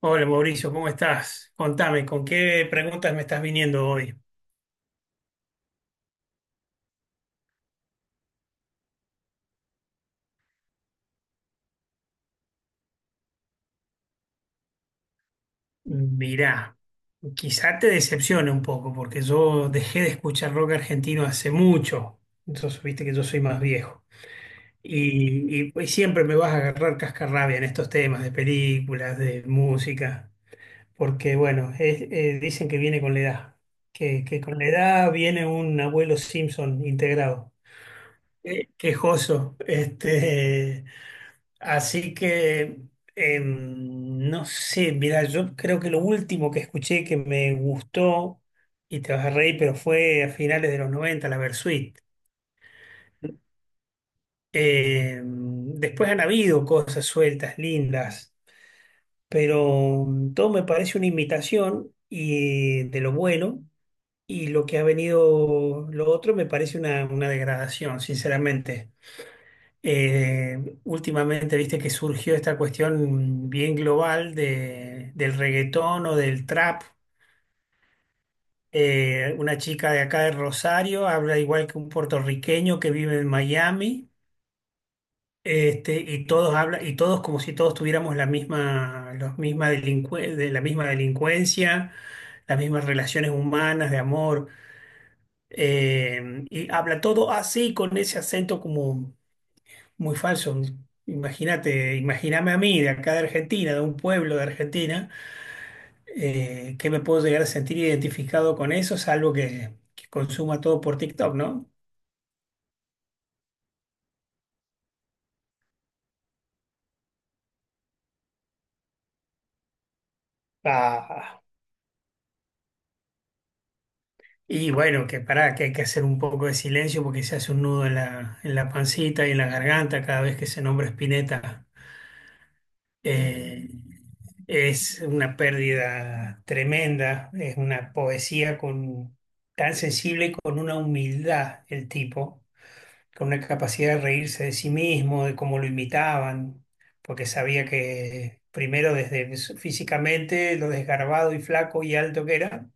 Hola Mauricio, ¿cómo estás? Contame, ¿con qué preguntas me estás viniendo hoy? Mirá, quizá te decepcione un poco porque yo dejé de escuchar rock argentino hace mucho. Entonces, viste que yo soy más viejo. Pues, siempre me vas a agarrar cascarrabia en estos temas de películas, de música, porque bueno, dicen que viene con la edad, que con la edad viene un abuelo Simpson integrado. Quejoso, este. Así que, no sé, mira, yo creo que lo último que escuché que me gustó, y te vas a reír, pero fue a finales de los 90, la Versuit. Después han habido cosas sueltas, lindas, pero todo me parece una imitación y de lo bueno, y lo que ha venido lo otro me parece una degradación, sinceramente. Últimamente viste que surgió esta cuestión bien global del reggaetón o del trap. Una chica de acá de Rosario habla igual que un puertorriqueño que vive en Miami, este, y todos hablan, y todos como si todos tuviéramos la misma, los misma de la misma delincuencia, las mismas relaciones humanas de amor. Y habla todo así, con ese acento como muy falso. Imagínate, imagíname a mí de acá de Argentina, de un pueblo de Argentina, que me puedo llegar a sentir identificado con eso, salvo que consuma todo por TikTok, ¿no? Ah, y bueno, que pará, que hay que hacer un poco de silencio porque se hace un nudo en en la pancita y en la garganta cada vez que se nombra Spinetta. Eh, es una pérdida tremenda, es una poesía con, tan sensible y con una humildad el tipo con una capacidad de reírse de sí mismo, de cómo lo imitaban, porque sabía que primero desde físicamente lo desgarbado y flaco y alto que era,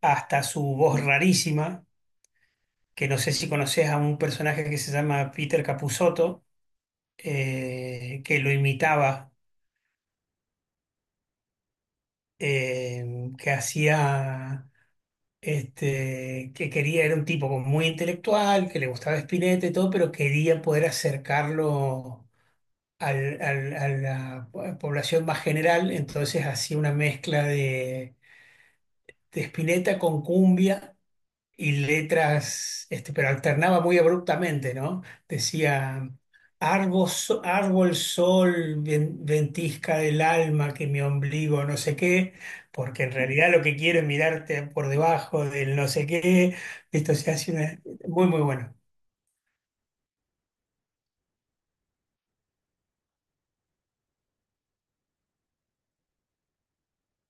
hasta su voz rarísima, que no sé si conoces a un personaje que se llama Peter Capusotto, que lo imitaba, que hacía... Este, que quería, era un tipo como muy intelectual, que le gustaba Spinetta y todo, pero quería poder acercarlo a la población más general, entonces hacía una mezcla de Spinetta con cumbia y letras, este, pero alternaba muy abruptamente, ¿no? Decía, árbol, árbol, sol, ventisca del alma, que mi ombligo no sé qué, porque en realidad lo que quiero es mirarte por debajo del no sé qué, esto se hace una- muy, muy bueno.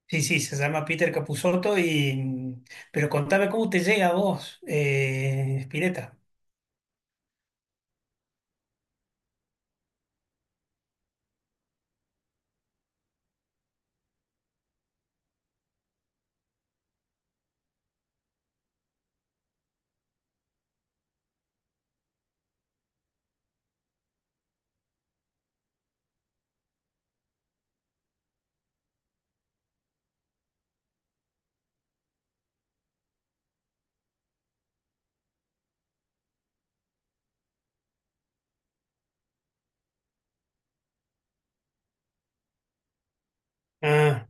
Sí, sí, se llama Peter Capusotto y... Pero contame cómo te llega a vos, Spinetta. Ah,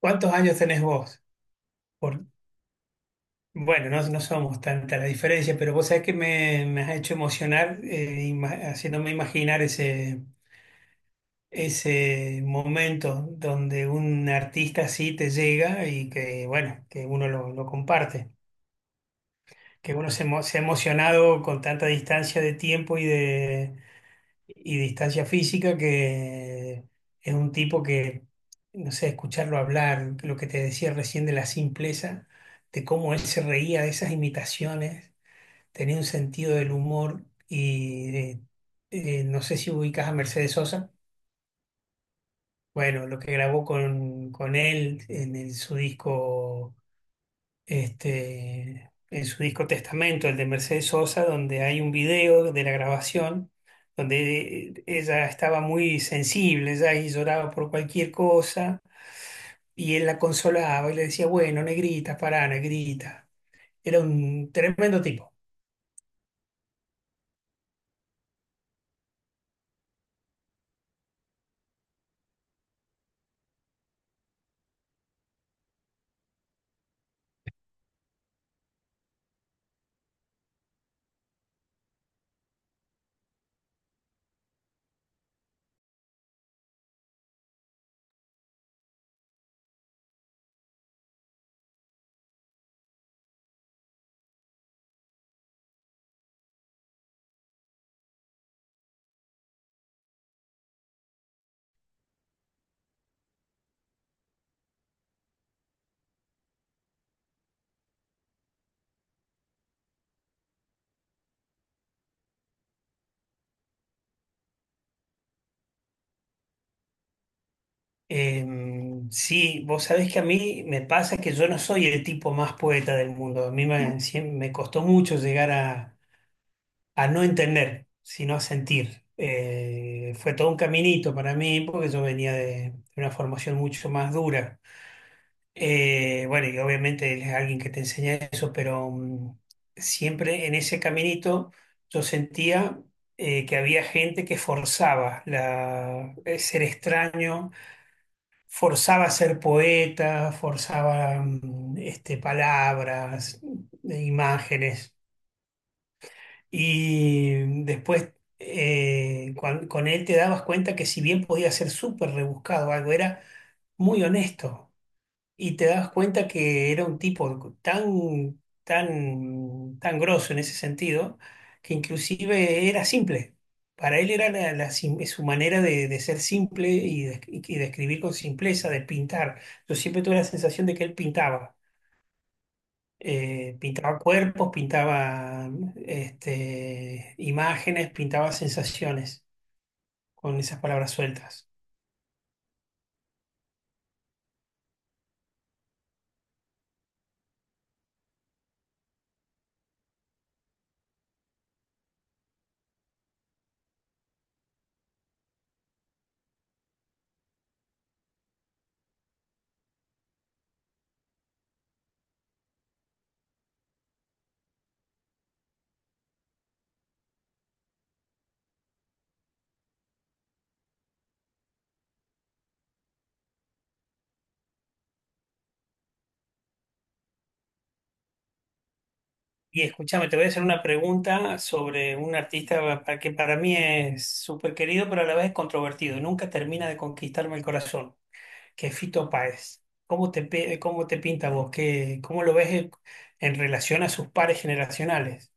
¿cuántos años tenés vos? Por- Bueno, no, no somos tanta la diferencia, pero vos sabés que me has hecho emocionar haciéndome imaginar ese, ese momento donde un artista así te llega y que, bueno, que uno lo comparte, que uno se ha emocionado con tanta distancia de tiempo y de y distancia física, que es un tipo que, no sé, escucharlo hablar, lo que te decía recién de la simpleza, de cómo él se reía de esas imitaciones, tenía un sentido del humor y no sé si ubicas a Mercedes Sosa, bueno, lo que grabó con él en su disco este, en su disco Testamento, el de Mercedes Sosa, donde hay un video de la grabación, donde ella estaba muy sensible, ella y lloraba por cualquier cosa, y él la consolaba y le decía, bueno, negrita, pará, negrita. Era un tremendo tipo. Eh, sí, vos sabés que a mí me pasa que yo no soy el tipo más poeta del mundo. A mí me costó mucho llegar a no entender, sino a sentir. Fue todo un caminito para mí porque yo venía de una formación mucho más dura. Bueno, y obviamente él es alguien que te enseña eso, pero siempre en ese caminito yo sentía que había gente que forzaba ser extraño, forzaba ser poeta, forzaba este, palabras, imágenes. Y después con él te dabas cuenta que si bien podía ser súper rebuscado algo, era muy honesto. Y te dabas cuenta que era un tipo tan, tan, tan grosso en ese sentido, que inclusive era simple. Para él era su manera de ser simple y de escribir con simpleza, de pintar. Yo siempre tuve la sensación de que él pintaba pintaba cuerpos, pintaba este, imágenes, pintaba sensaciones con esas palabras sueltas. Y escúchame, te voy a hacer una pregunta sobre un artista que para mí es súper querido, pero a la vez controvertido. Nunca termina de conquistarme el corazón, que es Fito Páez. ¿Cómo cómo te pinta vos? ¿Qué, cómo lo ves en relación a sus pares generacionales?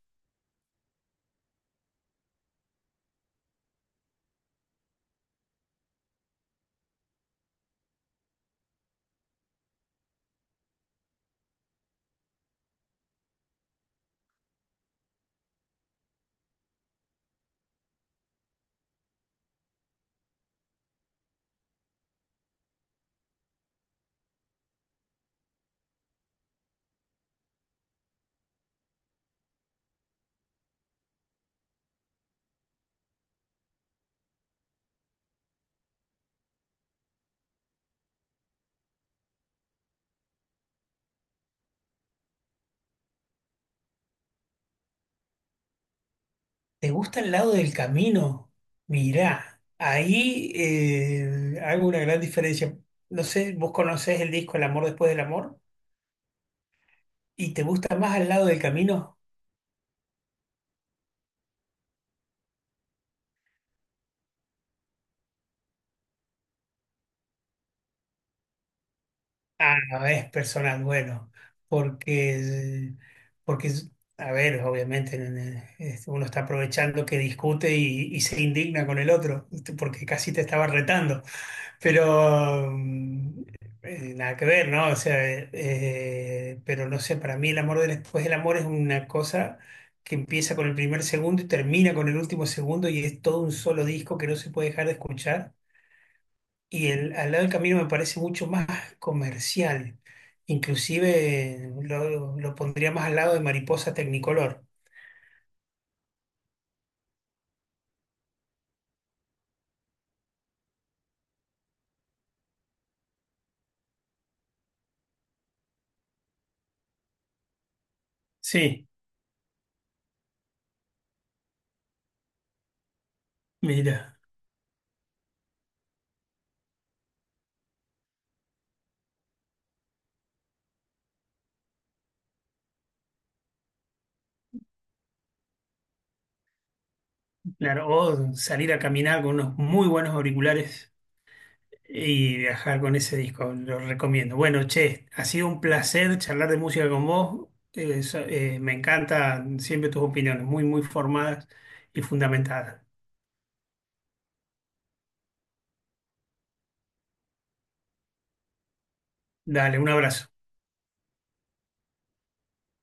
¿Te gusta el lado del camino? Mirá, ahí hago una gran diferencia. No sé, vos conocés el disco El amor después del amor y te gusta más al lado del camino. Ah, no, es personal, bueno, porque, porque, a ver, obviamente este, uno está aprovechando que discute y se indigna con el otro, este, porque casi te estaba retando, pero nada que ver, ¿no? O sea, pero no sé, para mí el amor después del amor es una cosa que empieza con el primer segundo y termina con el último segundo y es todo un solo disco que no se puede dejar de escuchar y al lado del camino me parece mucho más comercial. Inclusive lo pondría más al lado de Mariposa Tecnicolor. Sí, mira, claro, o salir a caminar con unos muy buenos auriculares y viajar con ese disco, lo recomiendo. Bueno, che, ha sido un placer charlar de música con vos. Me encantan siempre tus opiniones, muy, muy formadas y fundamentadas. Dale, un abrazo.